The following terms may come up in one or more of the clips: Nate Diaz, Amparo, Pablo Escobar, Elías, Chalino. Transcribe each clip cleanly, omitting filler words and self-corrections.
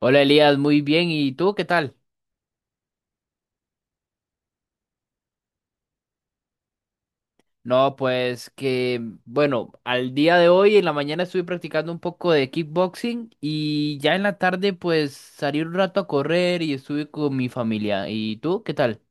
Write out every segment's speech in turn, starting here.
Hola Elías, muy bien. ¿Y tú qué tal? No, pues que, bueno, al día de hoy en la mañana estuve practicando un poco de kickboxing y ya en la tarde pues salí un rato a correr y estuve con mi familia. ¿Y tú qué tal?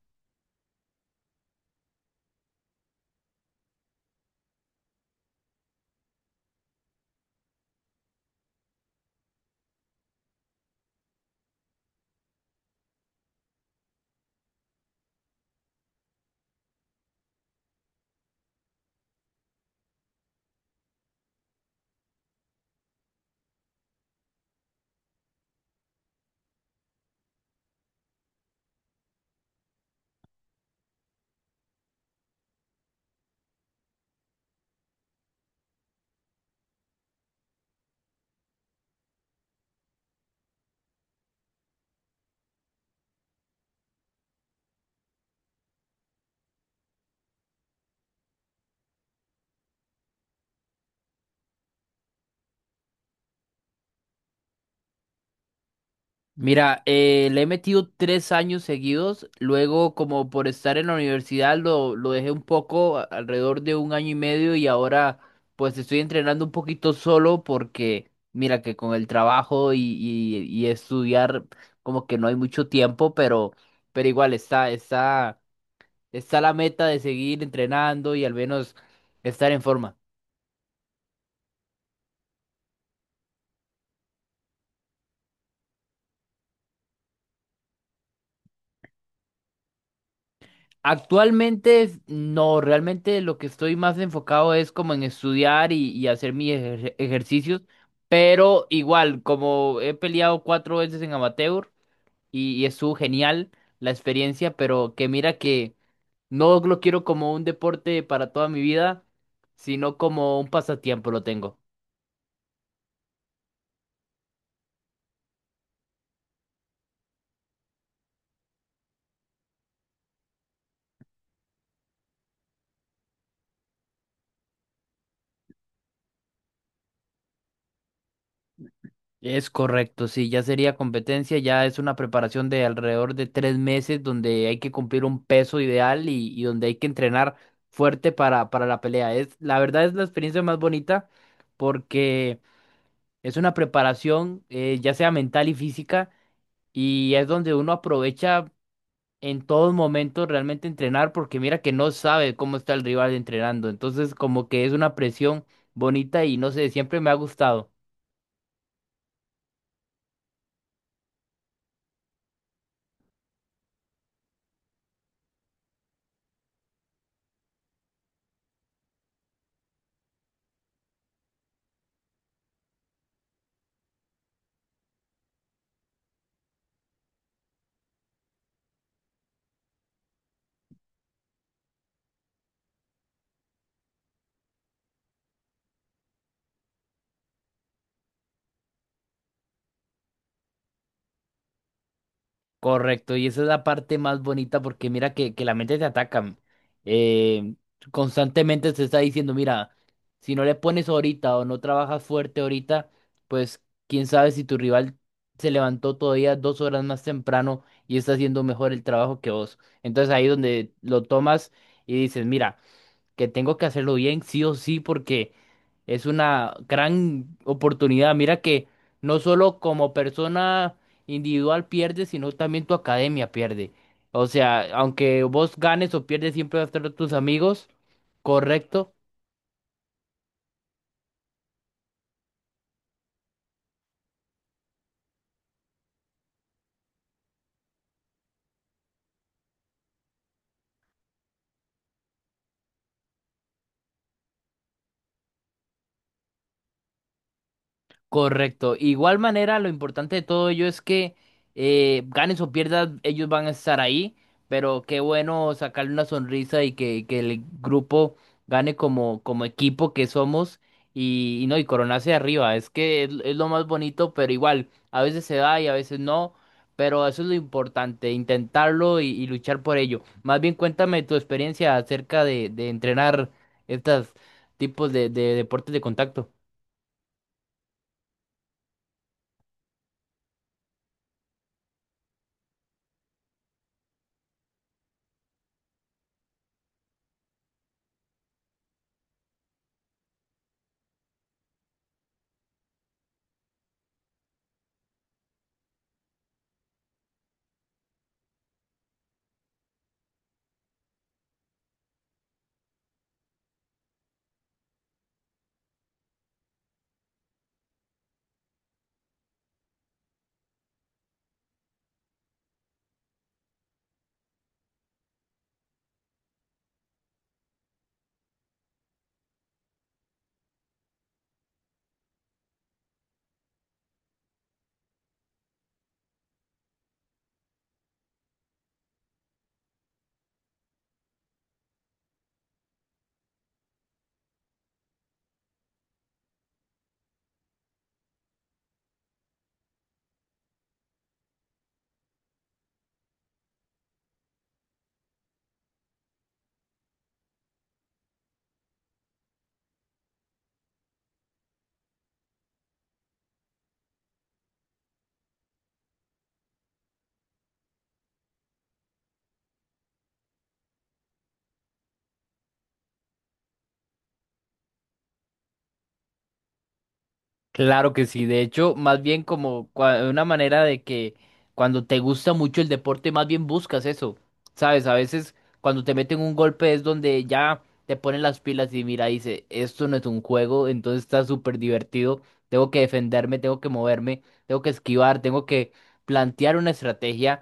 Mira, le he metido 3 años seguidos, luego como por estar en la universidad lo dejé un poco, alrededor de 1 año y medio y ahora pues estoy entrenando un poquito solo porque mira que con el trabajo y estudiar como que no hay mucho tiempo, pero igual está la meta de seguir entrenando y al menos estar en forma. Actualmente no, realmente lo que estoy más enfocado es como en estudiar y hacer mis ejercicios, pero igual, como he peleado cuatro veces en amateur y estuvo genial la experiencia, pero que mira que no lo quiero como un deporte para toda mi vida, sino como un pasatiempo lo tengo. Es correcto, sí, ya sería competencia, ya es una preparación de alrededor de 3 meses donde hay que cumplir un peso ideal y donde hay que entrenar fuerte para la pelea. Es, la verdad es la experiencia más bonita porque es una preparación ya sea mental y física y es donde uno aprovecha en todos momentos realmente entrenar porque mira que no sabe cómo está el rival entrenando, entonces como que es una presión bonita y no sé, siempre me ha gustado. Correcto, y esa es la parte más bonita porque mira que la mente te ataca. eh, Constantemente te está diciendo, mira, si no le pones ahorita o no trabajas fuerte ahorita, pues quién sabe si tu rival se levantó todavía 2 horas más temprano y está haciendo mejor el trabajo que vos. Entonces ahí donde lo tomas y dices, mira que tengo que hacerlo bien, sí o sí, porque es una gran oportunidad. Mira que no solo como persona individual pierde, sino también tu academia pierde. O sea, aunque vos ganes o pierdes, siempre vas a estar tus amigos, correcto. Correcto. Igual manera, lo importante de todo ello es que ganes o pierdas, ellos van a estar ahí, pero qué bueno sacarle una sonrisa y que el grupo gane como equipo que somos y no, y coronarse arriba. Es que es lo más bonito, pero igual, a veces se da y a veces no, pero eso es lo importante, intentarlo y luchar por ello. Más bien cuéntame tu experiencia acerca de entrenar estos tipos de deportes de contacto. Claro que sí, de hecho, más bien como una manera de que cuando te gusta mucho el deporte, más bien buscas eso, ¿sabes? A veces cuando te meten un golpe es donde ya te ponen las pilas y mira, dice, esto no es un juego, entonces está súper divertido, tengo que defenderme, tengo que moverme, tengo que esquivar, tengo que plantear una estrategia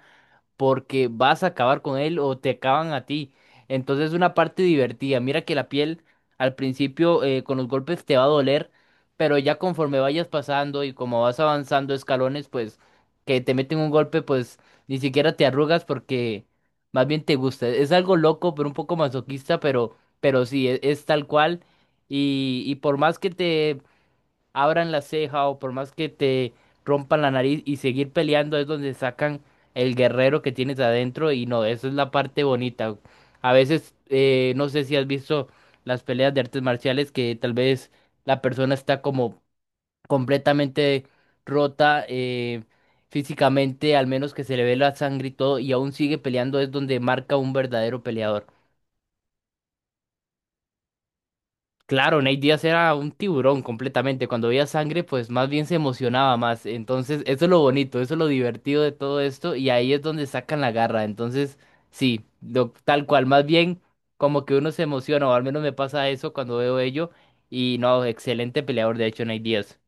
porque vas a acabar con él o te acaban a ti. Entonces es una parte divertida. Mira que la piel al principio con los golpes te va a doler, pero ya conforme vayas pasando y como vas avanzando escalones, pues que te meten un golpe, pues ni siquiera te arrugas porque más bien te gusta. Es algo loco, pero un poco masoquista, pero sí, es, tal cual. Y por más que te abran la ceja o por más que te rompan la nariz y seguir peleando es donde sacan el guerrero que tienes adentro y no, eso es la parte bonita. A veces, no sé si has visto las peleas de artes marciales que tal vez la persona está como completamente rota, físicamente, al menos que se le ve la sangre y todo, y aún sigue peleando, es donde marca un verdadero peleador. Claro, Nate Diaz era un tiburón completamente. Cuando veía sangre, pues más bien se emocionaba más. Entonces, eso es lo bonito, eso es lo divertido de todo esto. Y ahí es donde sacan la garra. Entonces, sí, tal cual. Más bien, como que uno se emociona, o al menos me pasa eso cuando veo ello. Y no, excelente peleador, de hecho, Nate Diaz.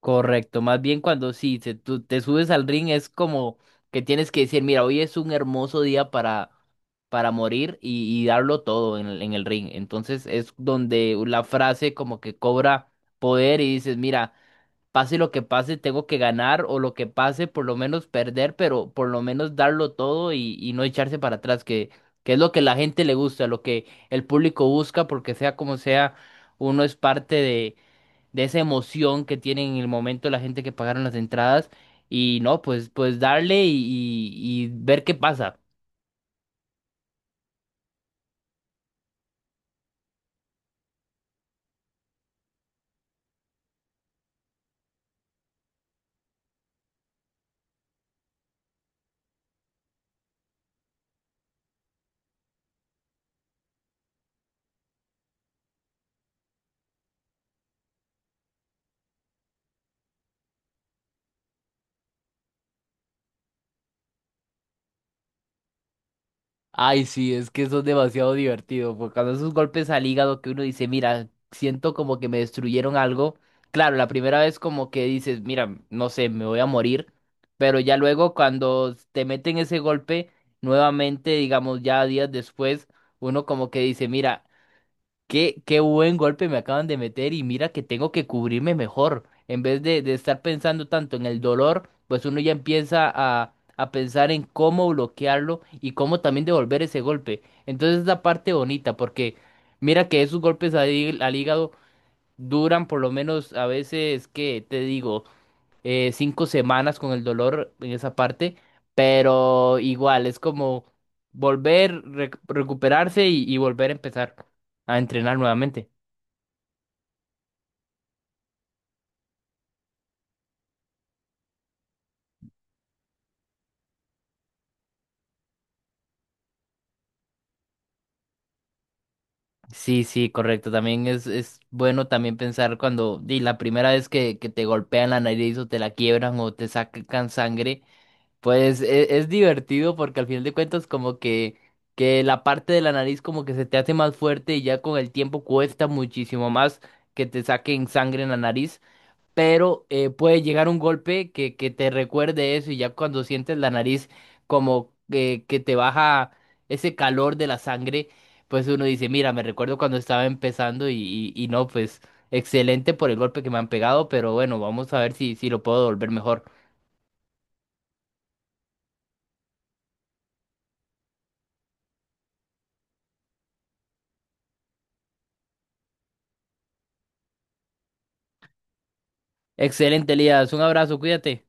Correcto, más bien cuando sí, tú te subes al ring es como que tienes que decir, mira, hoy es un hermoso día para morir y darlo todo en el ring. Entonces es donde la frase como que cobra poder y dices, mira, pase lo que pase, tengo que ganar o lo que pase, por lo menos perder, pero por lo menos darlo todo y no echarse para atrás, que es lo que la gente le gusta, lo que el público busca, porque sea como sea, uno es parte de esa emoción que tienen en el momento la gente que pagaron las entradas y no, pues, darle y ver qué pasa. Ay, sí, es que eso es demasiado divertido, porque cuando esos golpes al hígado que uno dice, mira, siento como que me destruyeron algo. Claro, la primera vez como que dices, mira, no sé, me voy a morir, pero ya luego cuando te meten ese golpe, nuevamente, digamos, ya días después, uno como que dice, mira, qué buen golpe me acaban de meter y mira que tengo que cubrirme mejor. En vez de estar pensando tanto en el dolor, pues uno ya empieza a pensar en cómo bloquearlo y cómo también devolver ese golpe. Entonces es la parte bonita porque mira que esos golpes al hígado duran por lo menos a veces, ¿que te digo? 5 semanas con el dolor en esa parte, pero igual es como volver, recuperarse y volver a empezar a entrenar nuevamente. Sí, sí, correcto. También es bueno también pensar cuando la primera vez que te golpean la nariz o te la quiebran o te sacan sangre, pues es divertido porque al final de cuentas como que la parte de la nariz como que se te hace más fuerte y ya con el tiempo cuesta muchísimo más que te saquen sangre en la nariz. Pero puede llegar un golpe que te recuerde eso y ya cuando sientes la nariz como que te baja ese calor de la sangre, pues uno dice, mira, me recuerdo cuando estaba empezando y no, pues excelente por el golpe que me han pegado, pero bueno, vamos a ver si lo puedo volver mejor. Excelente, Elías, un abrazo, cuídate.